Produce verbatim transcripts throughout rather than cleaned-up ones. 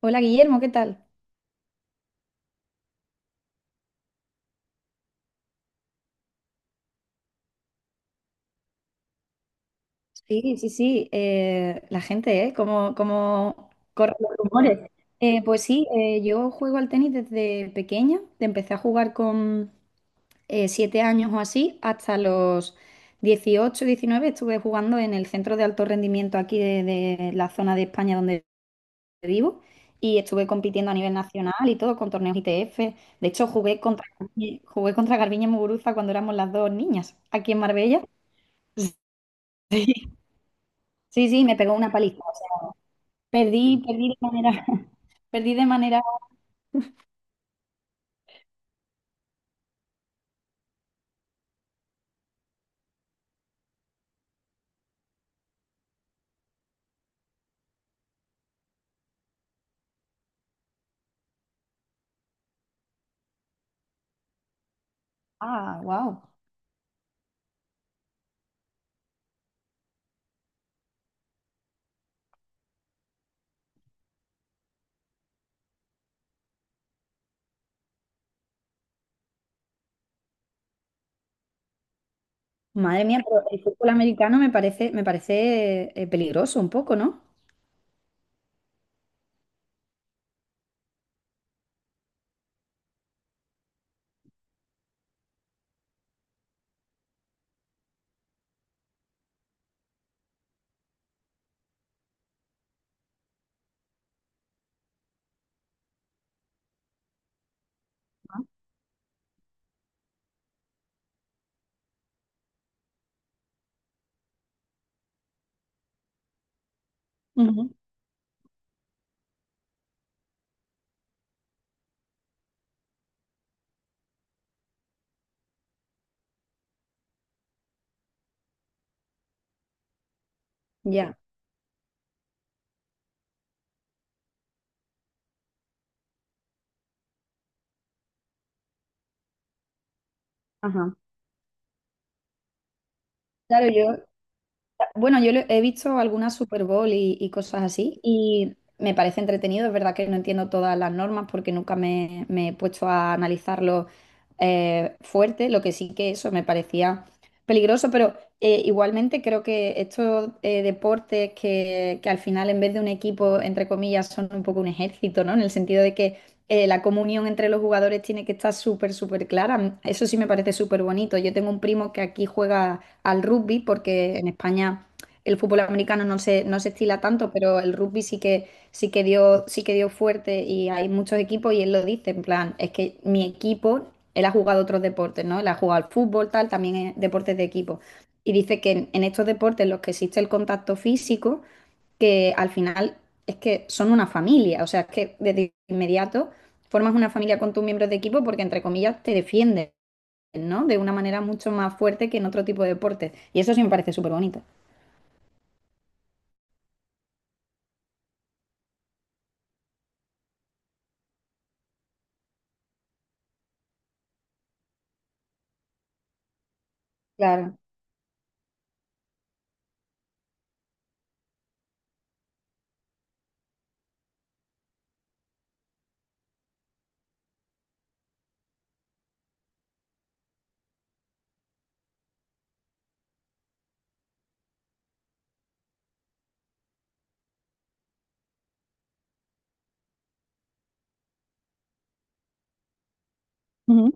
Hola Guillermo, ¿qué tal? Sí, sí, sí, eh, la gente, ¿eh? ¿Cómo, cómo corren los rumores? Eh, pues sí, eh, yo juego al tenis desde pequeña, empecé a jugar con eh, siete años o así, hasta los dieciocho, diecinueve. Estuve jugando en el centro de alto rendimiento aquí de, de la zona de España donde vivo, y estuve compitiendo a nivel nacional y todo con torneos I T F. De hecho, jugué contra, jugué contra Garbiñe Muguruza cuando éramos las dos niñas aquí en Marbella. Sí, sí, me pegó una paliza. Perdí, perdí de manera, perdí de manera. Ah, wow. Madre mía, pero el fútbol americano me parece, me parece eh, peligroso un poco, ¿no? Ujú. Ya. Ajá. Claro, yo. Bueno, yo le- he visto algunas Super Bowl y, y cosas así y me parece entretenido. Es verdad que no entiendo todas las normas porque nunca me, me he puesto a analizarlo eh, fuerte. Lo que sí que eso me parecía peligroso, pero eh, igualmente creo que estos eh, deportes que, que al final en vez de un equipo, entre comillas, son un poco un ejército, ¿no? En el sentido de que eh, la comunión entre los jugadores tiene que estar súper, súper clara. Eso sí me parece súper bonito. Yo tengo un primo que aquí juega al rugby, porque en España el fútbol americano no se, no se estila tanto, pero el rugby sí que, sí que dio, sí que dio fuerte y hay muchos equipos y él lo dice, en plan, es que mi equipo, él ha jugado otros deportes, ¿no? Él ha jugado al fútbol, tal, también es deportes de equipo. Y dice que en, en estos deportes en los que existe el contacto físico, que al final es que son una familia, o sea, es que desde inmediato formas una familia con tus miembros de equipo porque, entre comillas, te defienden. ¿No? De una manera mucho más fuerte que en otro tipo de deportes. Y eso sí me parece súper bonito. Claro. Ujú.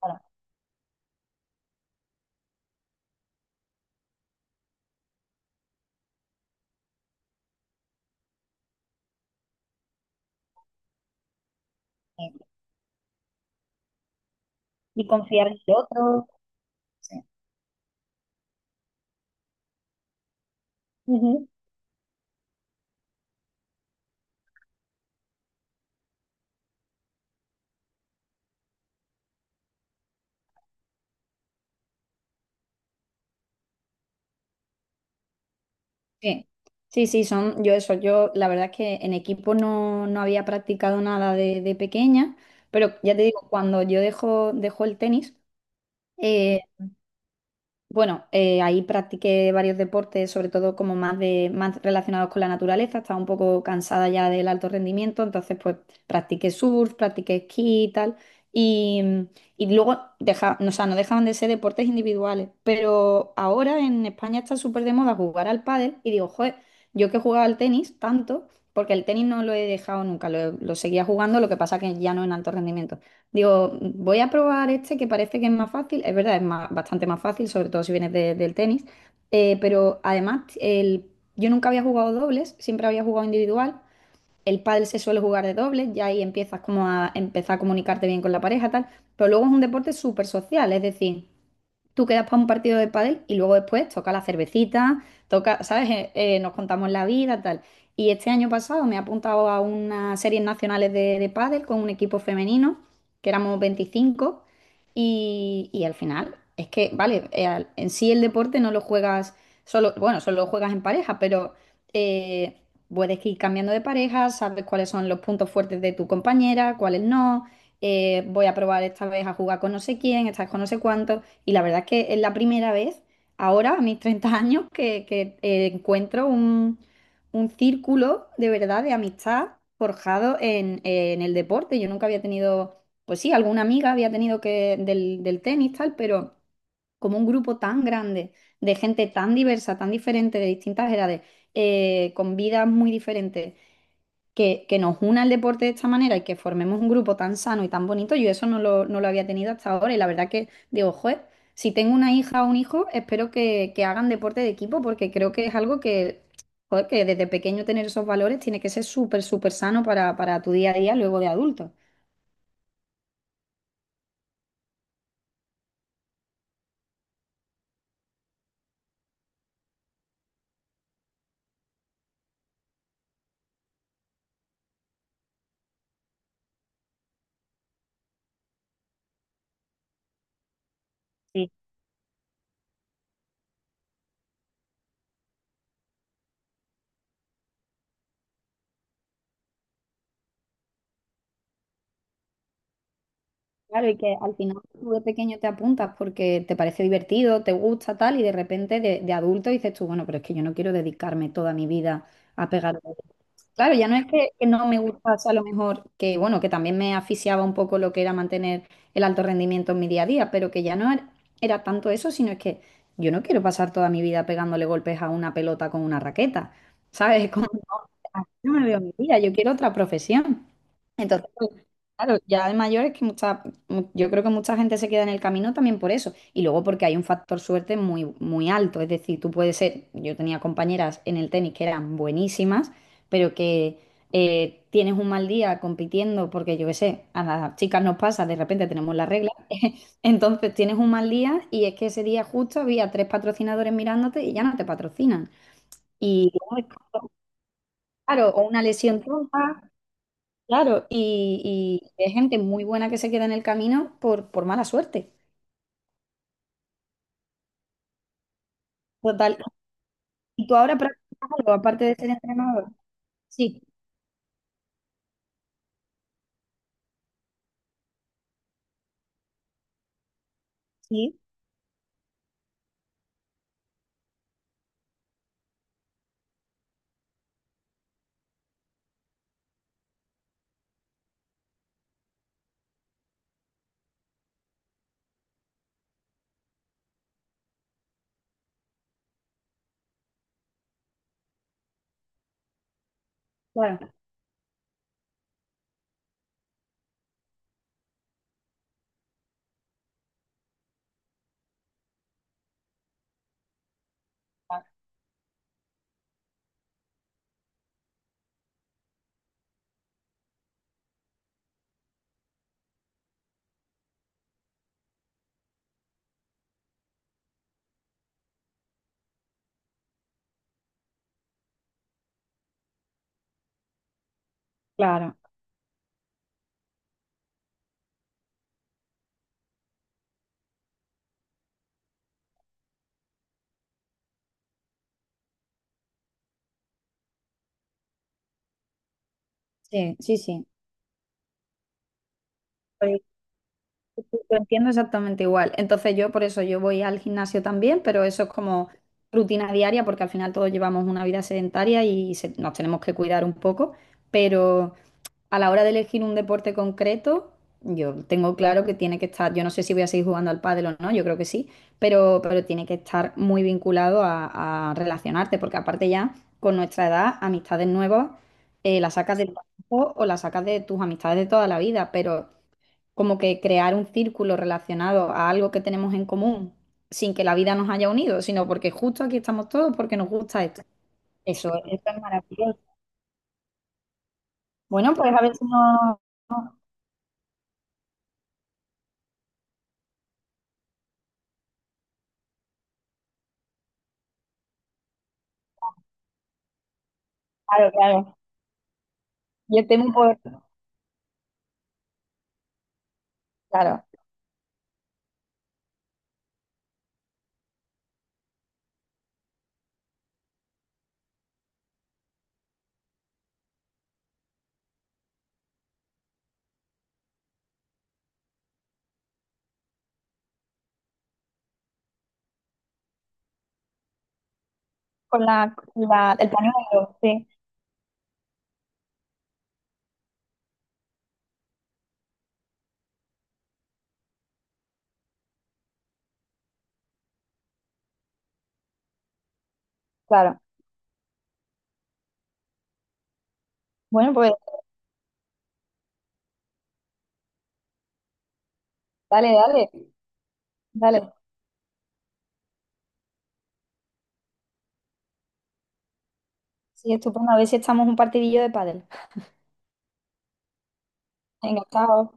Claro. Sí. Y confiar en el otro. Sí. Ujú. Sí, sí, sí, son yo eso. Yo la verdad es que en equipo no, no había practicado nada de, de pequeña, pero ya te digo, cuando yo dejo, dejo el tenis, eh, bueno, eh, ahí practiqué varios deportes, sobre todo como más de, más relacionados con la naturaleza. Estaba un poco cansada ya del alto rendimiento, entonces pues practiqué surf, practiqué esquí y tal. Y, mm, y luego deja, no, o sea, no dejaban de ser deportes individuales. Pero ahora en España está súper de moda jugar al pádel y digo, joder, yo que jugaba al tenis tanto, porque el tenis no lo he dejado nunca, lo, lo seguía jugando, lo que pasa que ya no en alto rendimiento. Digo, voy a probar este que parece que es más fácil. Es verdad, es más- bastante más fácil, sobre todo si vienes de- del tenis. Eh, pero además, el, yo nunca había jugado dobles, siempre había jugado individual. El pádel se suele jugar de dobles, ya ahí empiezas como a empezar a comunicarte bien con la pareja, tal. Pero luego es un deporte súper social, es decir, tú quedas para un partido de pádel y luego después toca la cervecita, toca, ¿sabes? Eh, eh, nos contamos la vida, tal. Y este año pasado me he apuntado a unas series nacionales de, de pádel con un equipo femenino, que éramos veinticinco, y, y al final es que, vale, eh, al- en sí el deporte no lo juegas solo, bueno, solo lo juegas en pareja, pero eh, puedes ir cambiando de pareja, sabes cuáles son los puntos fuertes de tu compañera, cuáles no. Eh, voy a probar esta vez a jugar con no sé quién, esta vez con no sé cuánto. Y la verdad que es la primera vez, ahora a mis treinta años, que, que, eh, encuentro un, un círculo de verdad de amistad forjado en, en el deporte. Yo nunca había tenido, pues sí, alguna amiga había tenido que del, del tenis, tal, pero como un grupo tan grande, de gente tan diversa, tan diferente, de distintas edades, eh, con vidas muy diferentes que, que nos una el deporte de esta manera y que formemos un grupo tan sano y tan bonito, yo eso no lo, no lo había tenido hasta ahora y la verdad que digo, joder, si tengo una hija o un hijo, espero que, que hagan deporte de equipo porque creo que es algo que, joder, que desde pequeño tener esos valores tiene que ser súper, súper sano para, para tu día a día luego de adulto. Claro, y que al final tú de pequeño te apuntas porque te parece divertido, te gusta tal, y de repente de, de adulto dices tú, bueno, pero es que yo no quiero dedicarme toda mi vida a pegar. Claro, ya no es que, que no me gustase a lo mejor, que bueno, que también me asfixiaba un poco lo que era mantener el alto rendimiento en mi día a día, pero que ya no era, era tanto eso, sino es que yo no quiero pasar toda mi vida pegándole golpes a una pelota con una raqueta, ¿sabes? Yo me veo mi vida, yo quiero otra profesión. Entonces, pues, claro, ya de mayor es que mucha, mu- yo creo que mucha gente se queda en el camino también por eso. Y luego porque hay un factor suerte muy, muy alto. Es decir, tú puedes ser, yo tenía compañeras en el tenis que eran buenísimas, pero que eh, tienes un mal día compitiendo porque yo qué sé, a las chicas nos pasa, de repente tenemos la regla. Entonces tienes un mal día y es que ese día justo había tres patrocinadores mirándote y ya no te patrocinan. Y claro, o una lesión tonta, claro, y, y hay gente muy buena que se queda en el camino por, por mala suerte. Total. ¿Y tú ahora practicas algo aparte de ser entrenador? Sí, sí, claro, claro. Sí, sí, sí. Pues, lo entiendo exactamente igual. Entonces yo por eso yo voy al gimnasio también, pero eso es como rutina diaria porque al final todos llevamos una vida sedentaria y se- nos tenemos que cuidar un poco, pero... A la hora de elegir un deporte concreto, yo tengo claro que tiene que estar, yo no sé si voy a seguir jugando al pádel o no, yo creo que sí, pero, pero tiene que estar muy vinculado a, a relacionarte, porque aparte ya con nuestra edad, amistades nuevas, eh, las sacas del trabajo o las sacas de tus amistades de toda la vida, pero como que crear un círculo relacionado a algo que tenemos en común sin que la vida nos haya unido, sino porque justo aquí estamos todos porque nos gusta esto. Eso, eso es maravilloso. Bueno, pues a ver si nos... Claro, claro. Yo temo por, claro, con la, la- el pañuelo, sí, claro. Bueno, pues dale, dale, dale. Sí, estupendo. A ver si echamos un partidillo de pádel. Venga, chao.